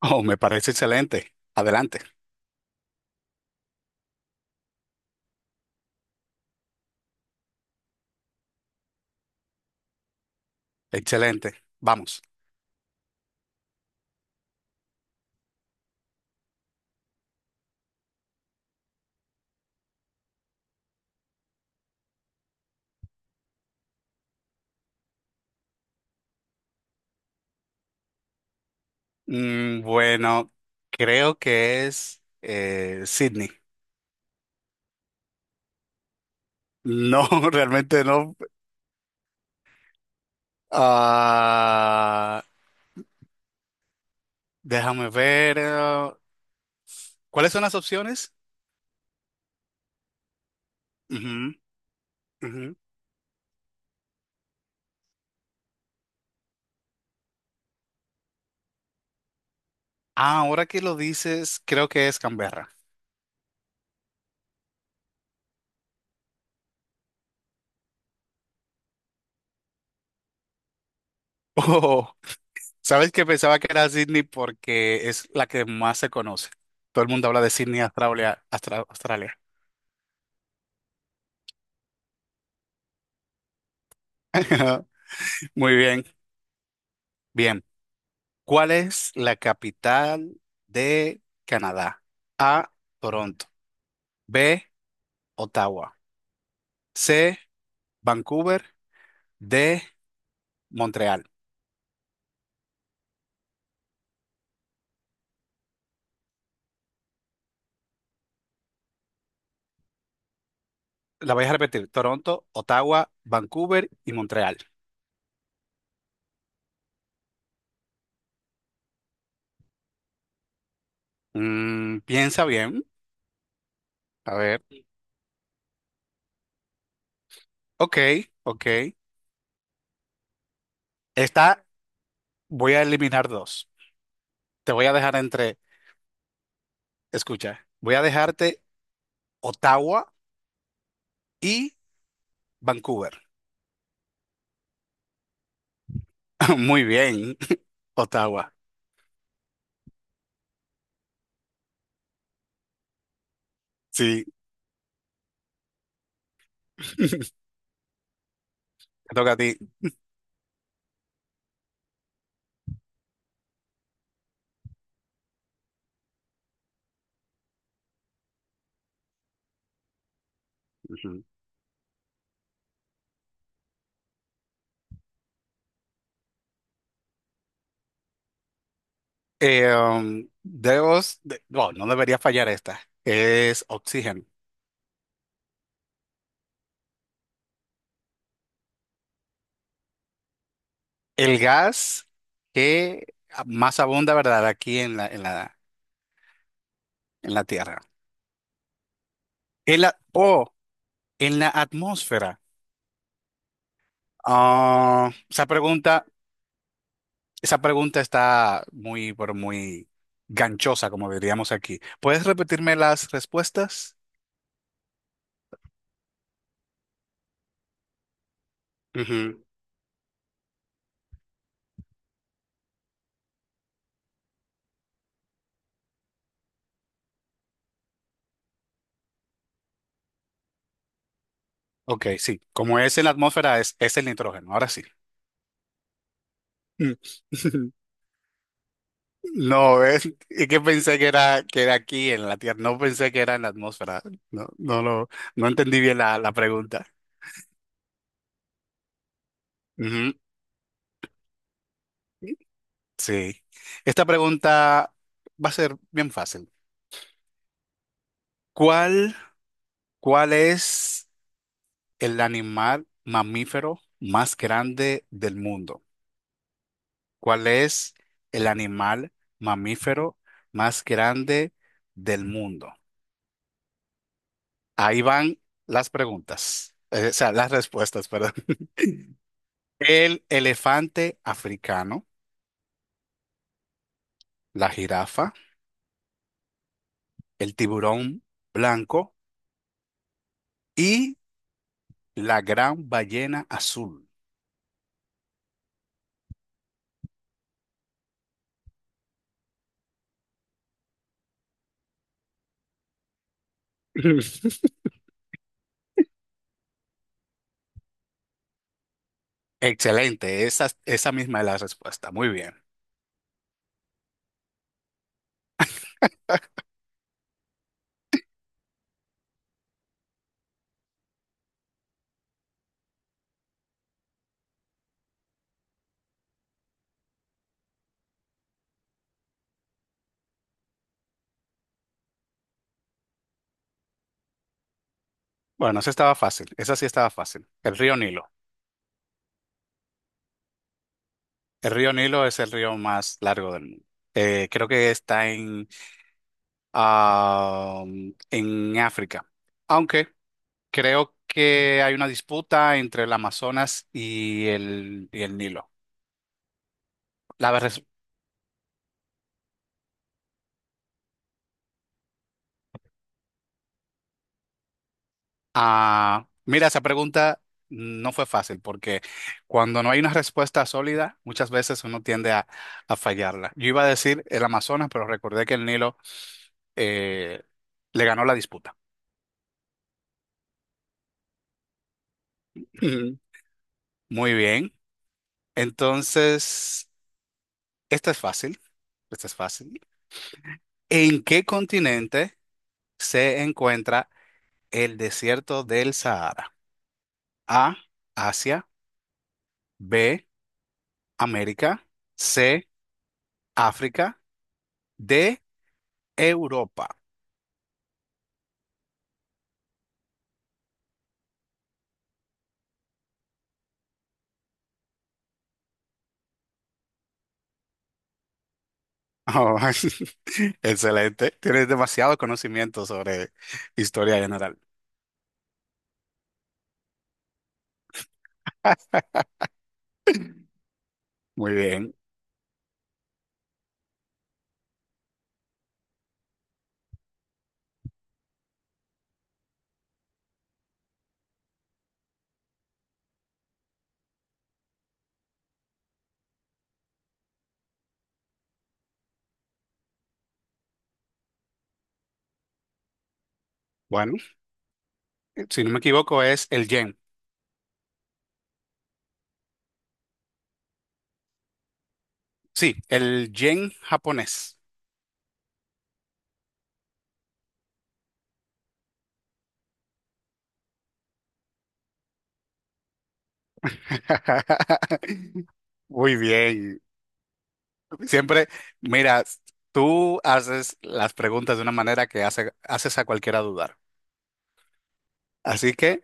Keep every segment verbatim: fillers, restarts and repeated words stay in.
Oh, me parece excelente. Adelante. Excelente. Vamos. Mm, bueno, creo que es eh, Sydney. No, realmente no. Ah, déjame ver. eh, ¿Cuáles son las opciones? Ujú, ujú. Ah, ahora que lo dices, creo que es Canberra. Oh, ¿sabes que pensaba que era Sydney porque es la que más se conoce? Todo el mundo habla de Sydney, Australia, Astra- Australia. Muy bien. Bien. ¿Cuál es la capital de Canadá? A, Toronto. B, Ottawa. C, Vancouver. D, Montreal. La voy a repetir. Toronto, Ottawa, Vancouver y Montreal. Mm, piensa bien. A ver. Ok, ok. Esta voy a eliminar dos. Te voy a dejar entre, escucha, voy a dejarte Ottawa y Vancouver. Muy bien, Ottawa. Sí, te toca a ti. Ujú. Eh, um, debemos, de- bueno, no debería fallar esta. Es oxígeno. El gas que más abunda, ¿verdad? Aquí en la, en la, en la Tierra. El a- o En la atmósfera. Ah, esa pregunta, esa pregunta está muy, pero muy ganchosa, como diríamos aquí. ¿Puedes repetirme las respuestas? Ujú. Ok, sí. Como es en la atmósfera, es, es el nitrógeno. Ahora sí. Mm. No, es, es que pensé que era, que era aquí en la Tierra, no pensé que era en la atmósfera. No, no lo, no entendí bien la, la pregunta. Ujú, sí. Esta pregunta va a ser bien fácil. ¿Cuál, ¿cuál es el animal mamífero más grande del mundo? ¿Cuál es el animal mamífero más grande del mundo? Ahí van las preguntas, eh, o sea, las respuestas, perdón. El elefante africano, la jirafa, el tiburón blanco y la gran ballena azul. Excelente, esa, esa misma es la respuesta. Muy bien. Bueno, esa estaba fácil, esa sí estaba fácil. El río Nilo. El río Nilo es el río más largo del mundo. Eh, creo que está en, ah, en África, aunque creo que hay una disputa entre el Amazonas y el, y el Nilo. La, res- Ah, mira, esa pregunta no fue fácil porque cuando no hay una respuesta sólida, muchas veces uno tiende a, a fallarla. Yo iba a decir el Amazonas, pero recordé que el Nilo eh, le ganó la disputa. Ujú. Muy bien. Entonces, esta es fácil. Esta es fácil. ¿En qué continente se encuentra el desierto del Sahara? A, Asia. B, América. C, África. D, Europa. Oh, excelente. Tienes demasiado conocimiento sobre historia general. Muy bien. Bueno, si no me equivoco, es el yen. Sí, el yen japonés. Muy bien. Siempre, mira, tú haces las preguntas de una manera que hace- haces a cualquiera dudar. Así que,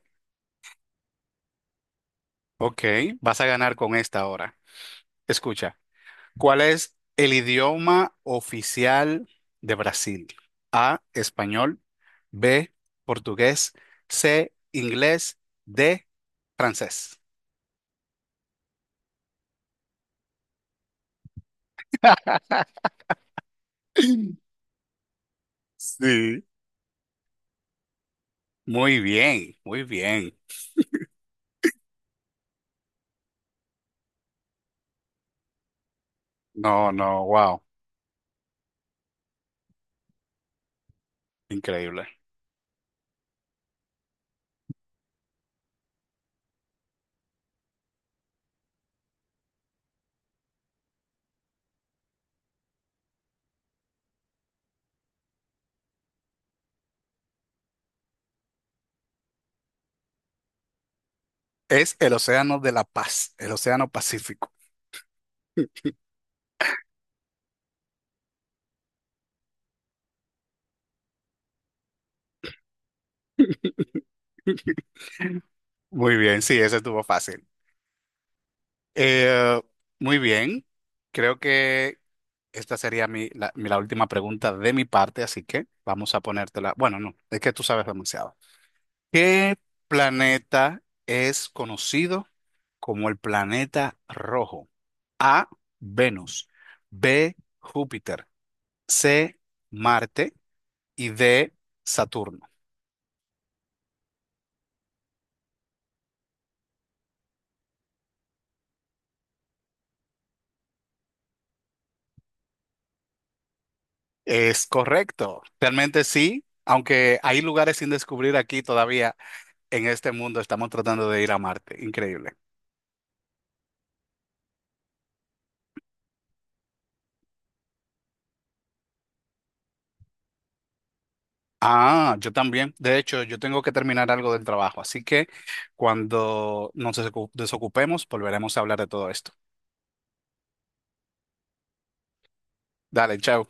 ok, vas a ganar con esta ahora. Escucha. ¿Cuál es el idioma oficial de Brasil? A, español. B, portugués. C, inglés. D, francés. Sí, muy bien, muy bien. No, no, wow, increíble. Es el Océano de la Paz, el Océano Pacífico. Muy bien, sí, ese estuvo fácil. Eh, Muy bien, creo que esta sería mi, la, mi- la última pregunta de mi parte, así que vamos a ponértela. Bueno, no, es que tú sabes demasiado. ¿Qué planeta es conocido como el planeta rojo? A, Venus. B, Júpiter. C, Marte. Y D, Saturno. Es correcto, realmente sí, aunque hay lugares sin descubrir aquí todavía en este mundo, estamos tratando de ir a Marte, increíble. Ah, yo también. De hecho, yo tengo que terminar algo del trabajo, así que cuando nos desocu- desocupemos, volveremos a hablar de todo esto. Dale, chao.